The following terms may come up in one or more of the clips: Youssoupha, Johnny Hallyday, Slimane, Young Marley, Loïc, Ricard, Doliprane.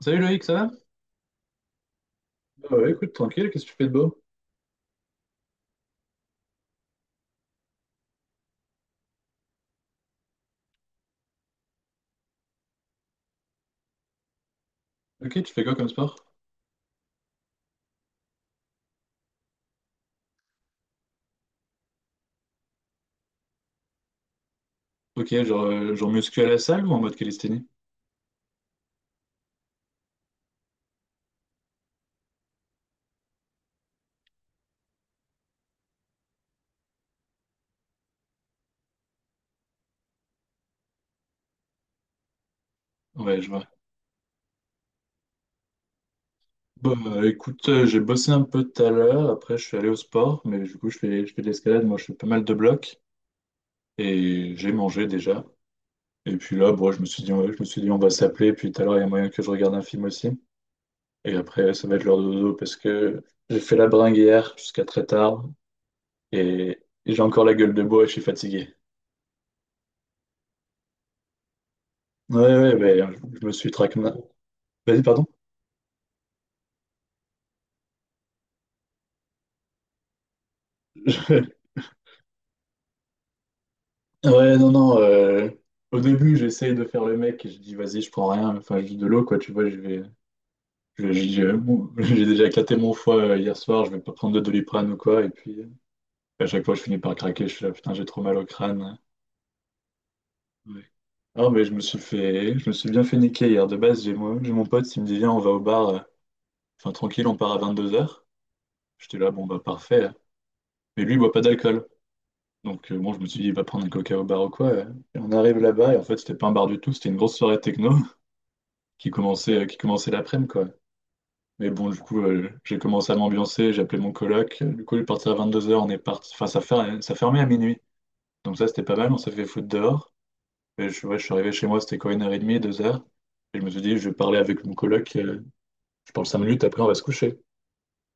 Salut Loïc, ça va? Bah ouais, écoute, tranquille, qu'est-ce que tu fais de beau? Ok, tu fais quoi comme sport? Ok, genre, genre muscu à la salle ou en mode calisthénie? Ouais, je vois. Bah écoute, j'ai bossé un peu tout à l'heure, après je suis allé au sport, mais du coup je fais de l'escalade, moi je fais pas mal de blocs, et j'ai mangé déjà. Et puis là, bon, je me suis dit, ouais, je me suis dit on va s'appeler, puis tout à l'heure il y a moyen que je regarde un film aussi. Et après ça va être l'heure de dodo, parce que j'ai fait la bringue hier jusqu'à très tard, et j'ai encore la gueule de bois et je suis fatigué. Ouais, ouais, mais je me suis traqué. Vas-y, pardon? Je- Ouais, non, non. Au début, j'essayais de faire le mec et je dis, vas-y, je prends rien, enfin, juste de l'eau, quoi, tu vois, je vais. Dis, bon, j'ai déjà éclaté mon foie hier soir, je vais pas prendre de Doliprane ou quoi. Et puis, à chaque fois, je finis par craquer, je suis là, putain, j'ai trop mal au crâne. Ouais. Non, mais je me suis fait. Je me suis bien fait niquer hier. De base, j'ai moi, j'ai mon pote, il me dit, viens, on va au bar. Enfin, tranquille, on part à 22h. J'étais là, bon, bah, parfait. Mais lui, il boit pas d'alcool. Donc, bon, je me suis dit, il va prendre un coca au bar ou quoi. Et on arrive là-bas, et en fait, c'était pas un bar du tout, c'était une grosse soirée techno qui commençait l'après-midi, quoi. Mais bon, du coup, j'ai commencé à m'ambiancer, j'ai appelé mon coloc. Du coup, il est parti à 22h, on est parti. Enfin, ça fermait à minuit. Donc, ça, c'était pas mal, on s'est fait foutre dehors. Et je, ouais, je suis arrivé chez moi, c'était quoi, 1h30, 2h. Et je me suis dit, je vais parler avec mon coloc. Je parle 5 minutes, après, on va se coucher.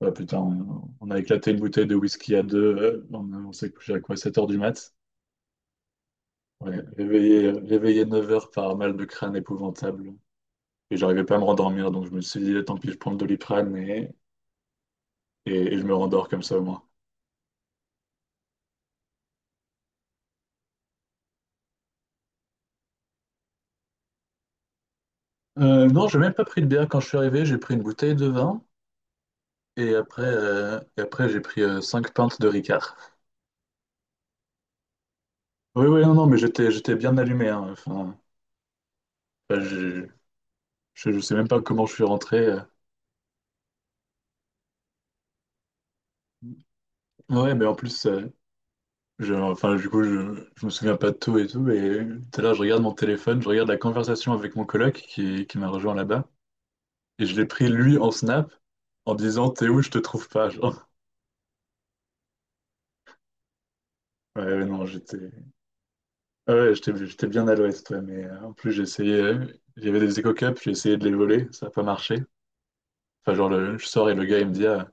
Ah, putain, on a éclaté une bouteille de whisky à deux. On s'est couché à quoi, 7h du mat. Ouais, réveillé, réveillé 9h par un mal de crâne épouvantable. Et j'arrivais pas à me rendormir, donc je me suis dit, eh, tant pis, je prends le Doliprane et je me rendors comme ça au moins. Non, j'ai même pas pris de bière quand je suis arrivé, j'ai pris une bouteille de vin et après j'ai pris 5 pintes de Ricard. Oui, oui, non, non, mais j'étais bien allumé, hein. Enfin, je sais même pas comment je suis rentré. Ouais, mais en plus, enfin, du coup, je me souviens pas de tout et tout. Et tout à l'heure, je regarde mon téléphone, je regarde la conversation avec mon coloc qui m'a rejoint là-bas. Et je l'ai pris lui en snap en disant t'es où, je te trouve pas. Genre. Ouais, ouais, non, j'étais ah ouais, j'étais j'étais bien à l'ouest, ouais, mais en plus, j'ai essayé. Il y avait des éco-cups, j'ai essayé de les voler, ça n'a pas marché. Enfin, genre, je sors et le gars, il me dit ah,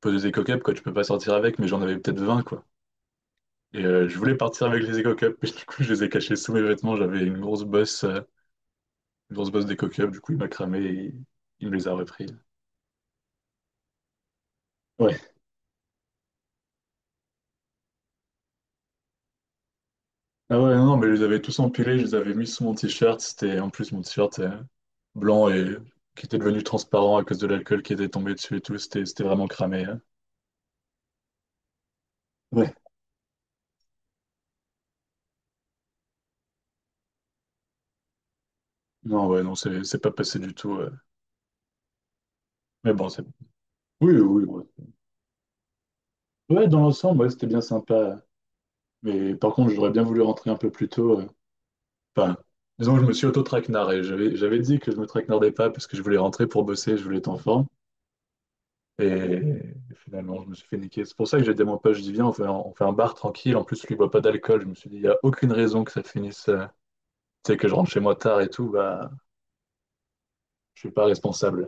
pose des éco-cups, quoi, tu peux pas sortir avec, mais j'en avais peut-être 20 quoi. Et je voulais partir avec les éco-cups, mais du coup, je les ai cachés sous mes vêtements, j'avais une grosse bosse d'éco-cups, du coup, il m'a cramé et il me les a repris. Ouais. Ah ouais, non, non, mais je les avais tous empilés, je les avais mis sous mon t-shirt. C'était en plus mon t-shirt blanc et qui était devenu transparent à cause de l'alcool qui était tombé dessus et tout. C'était vraiment cramé, hein. Ouais. Non, ouais, non, c'est pas passé du tout. Mais bon, c'est. Oui, oui, ouais. Ouais, dans l'ensemble, ouais, c'était bien sympa. Mais par contre, j'aurais bien voulu rentrer un peu plus tôt. Enfin, disons que je me suis auto-traquenardé. J'avais dit que je me traquenardais pas parce que je voulais rentrer pour bosser, je voulais être en forme. Et finalement, je me suis fait niquer. C'est pour ça que j'ai dit à mon pote, je dis viens, on fait un bar tranquille. En plus, lui il boit pas d'alcool. Je me suis dit, il n'y a aucune raison que ça finisse, tu sais, que je rentre chez moi tard et tout. Bah, je suis pas responsable.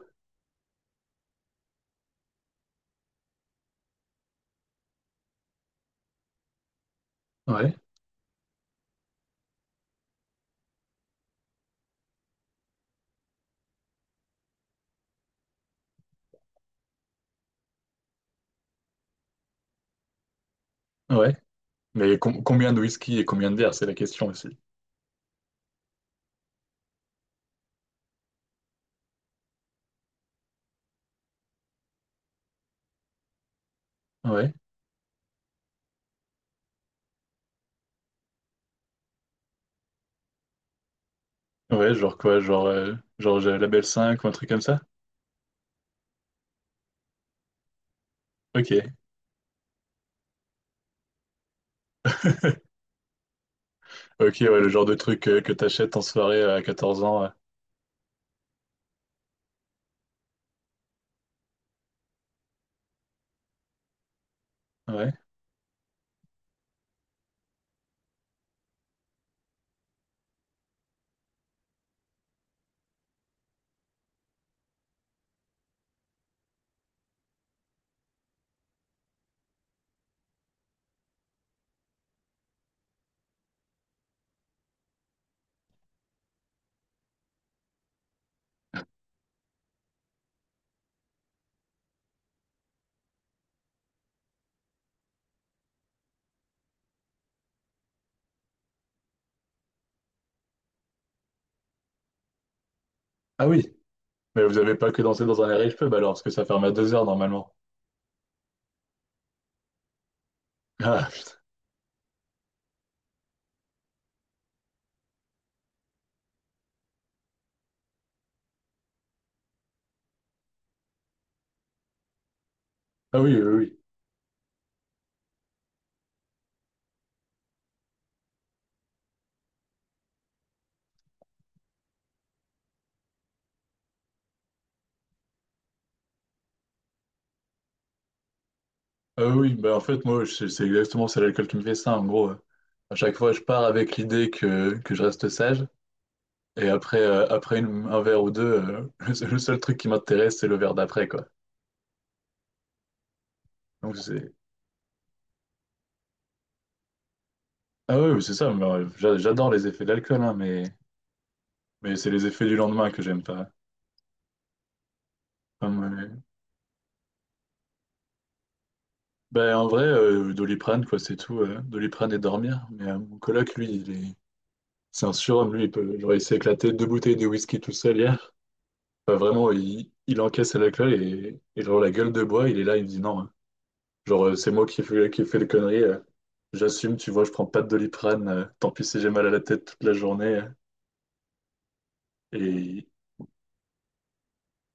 Ouais, ouais. Mais combien de whisky et combien de verres, c'est la question aussi. Ouais, ouais, genre quoi, genre j'ai la belle 5 ou un truc comme ça? Ok, ok, ouais, le genre de truc que t'achètes en soirée à 14 ans. Ouais. Ah oui, mais vous avez pas que dansé dans un riche pub alors, parce que ça ferme à 2h normalement. Ah, putain. Ah oui, oui, oui. Ah oui, bah en fait, moi, c'est exactement, c'est l'alcool qui me fait ça, en gros. À chaque fois, je pars avec l'idée que je reste sage, et après, après un verre ou deux, le seul truc qui m'intéresse, c'est le verre d'après, quoi. Donc c'est... Ah ouais, oui, c'est ça, mais, j'adore les effets de l'alcool, hein, mais c'est les effets du lendemain que j'aime pas. Enfin, ouais. Ben, en vrai, Doliprane, quoi, c'est tout. Doliprane et dormir. Mais mon coloc, lui, il est... c'est un surhomme, lui, il peut... genre, il s'est éclaté deux bouteilles de whisky tout seul hier. Enfin, vraiment, il encaisse la claque et genre la gueule de bois, il est là, il me dit non, hein. Genre, c'est moi qui fais les conneries. J'assume, tu vois, je prends pas de Doliprane. Tant pis si j'ai mal à la tête toute la journée. Et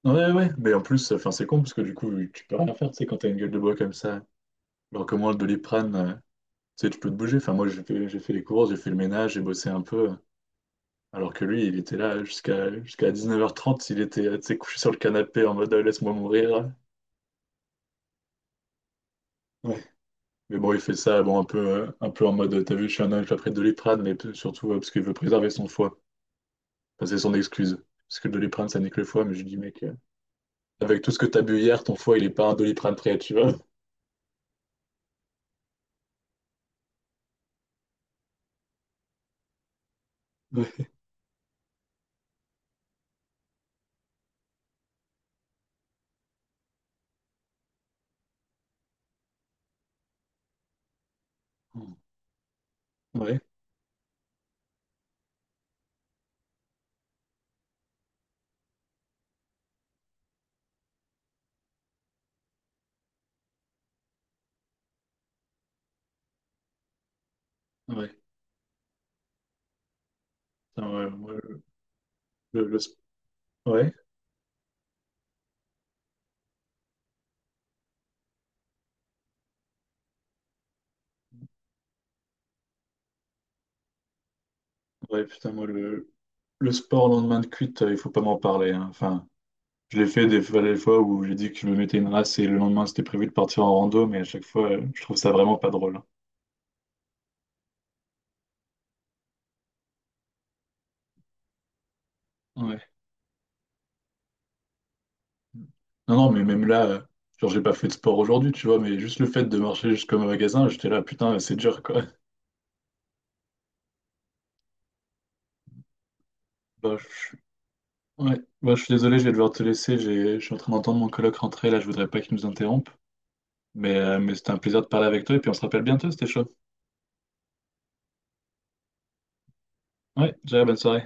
ouais, ouais, mais en plus, enfin, c'est con parce que du coup, tu peux rien faire, tu sais, quand t'as une gueule de bois comme ça. Alors que moi, le Doliprane, tu sais, tu peux te bouger. Enfin, moi, j'ai fait les courses, j'ai fait le ménage, j'ai bossé un peu. Alors que lui, il était là jusqu'à 19h30, il était, tu sais, couché sur le canapé en mode laisse-moi mourir. Ouais. Mais bon, il fait ça bon, un peu en mode, t'as vu, je suis un ange après Doliprane, mais surtout parce qu'il veut préserver son foie. Enfin, c'est son excuse. Parce que le Doliprane, ça nique le foie, mais je lui dis, mec, avec tout ce que t'as bu hier, ton foie, il est pas un Doliprane prêt, tu vois. Ouais, ouais, ouais. Putain, ouais, moi, le, le sp- ouais, ouais, putain, moi, le sport le lendemain de cuite, il faut pas m'en parler, hein. Enfin, je l'ai fait des fois où j'ai dit que je me mettais une race et le lendemain, c'était prévu de partir en rando, mais à chaque fois, je trouve ça vraiment pas drôle. Ouais. Non, non, mais même là, genre, j'ai pas fait de sport aujourd'hui, tu vois, mais juste le fait de marcher jusqu'au magasin, j'étais là, putain, c'est dur, quoi. Bah, je... Ouais, bah, je suis désolé, je vais devoir te laisser, j'ai... je suis en train d'entendre mon coloc rentrer, là, je voudrais pas qu'il nous interrompe, mais c'était un plaisir de parler avec toi, et puis on se rappelle bientôt, c'était chaud. Ouais, déjà, bonne soirée.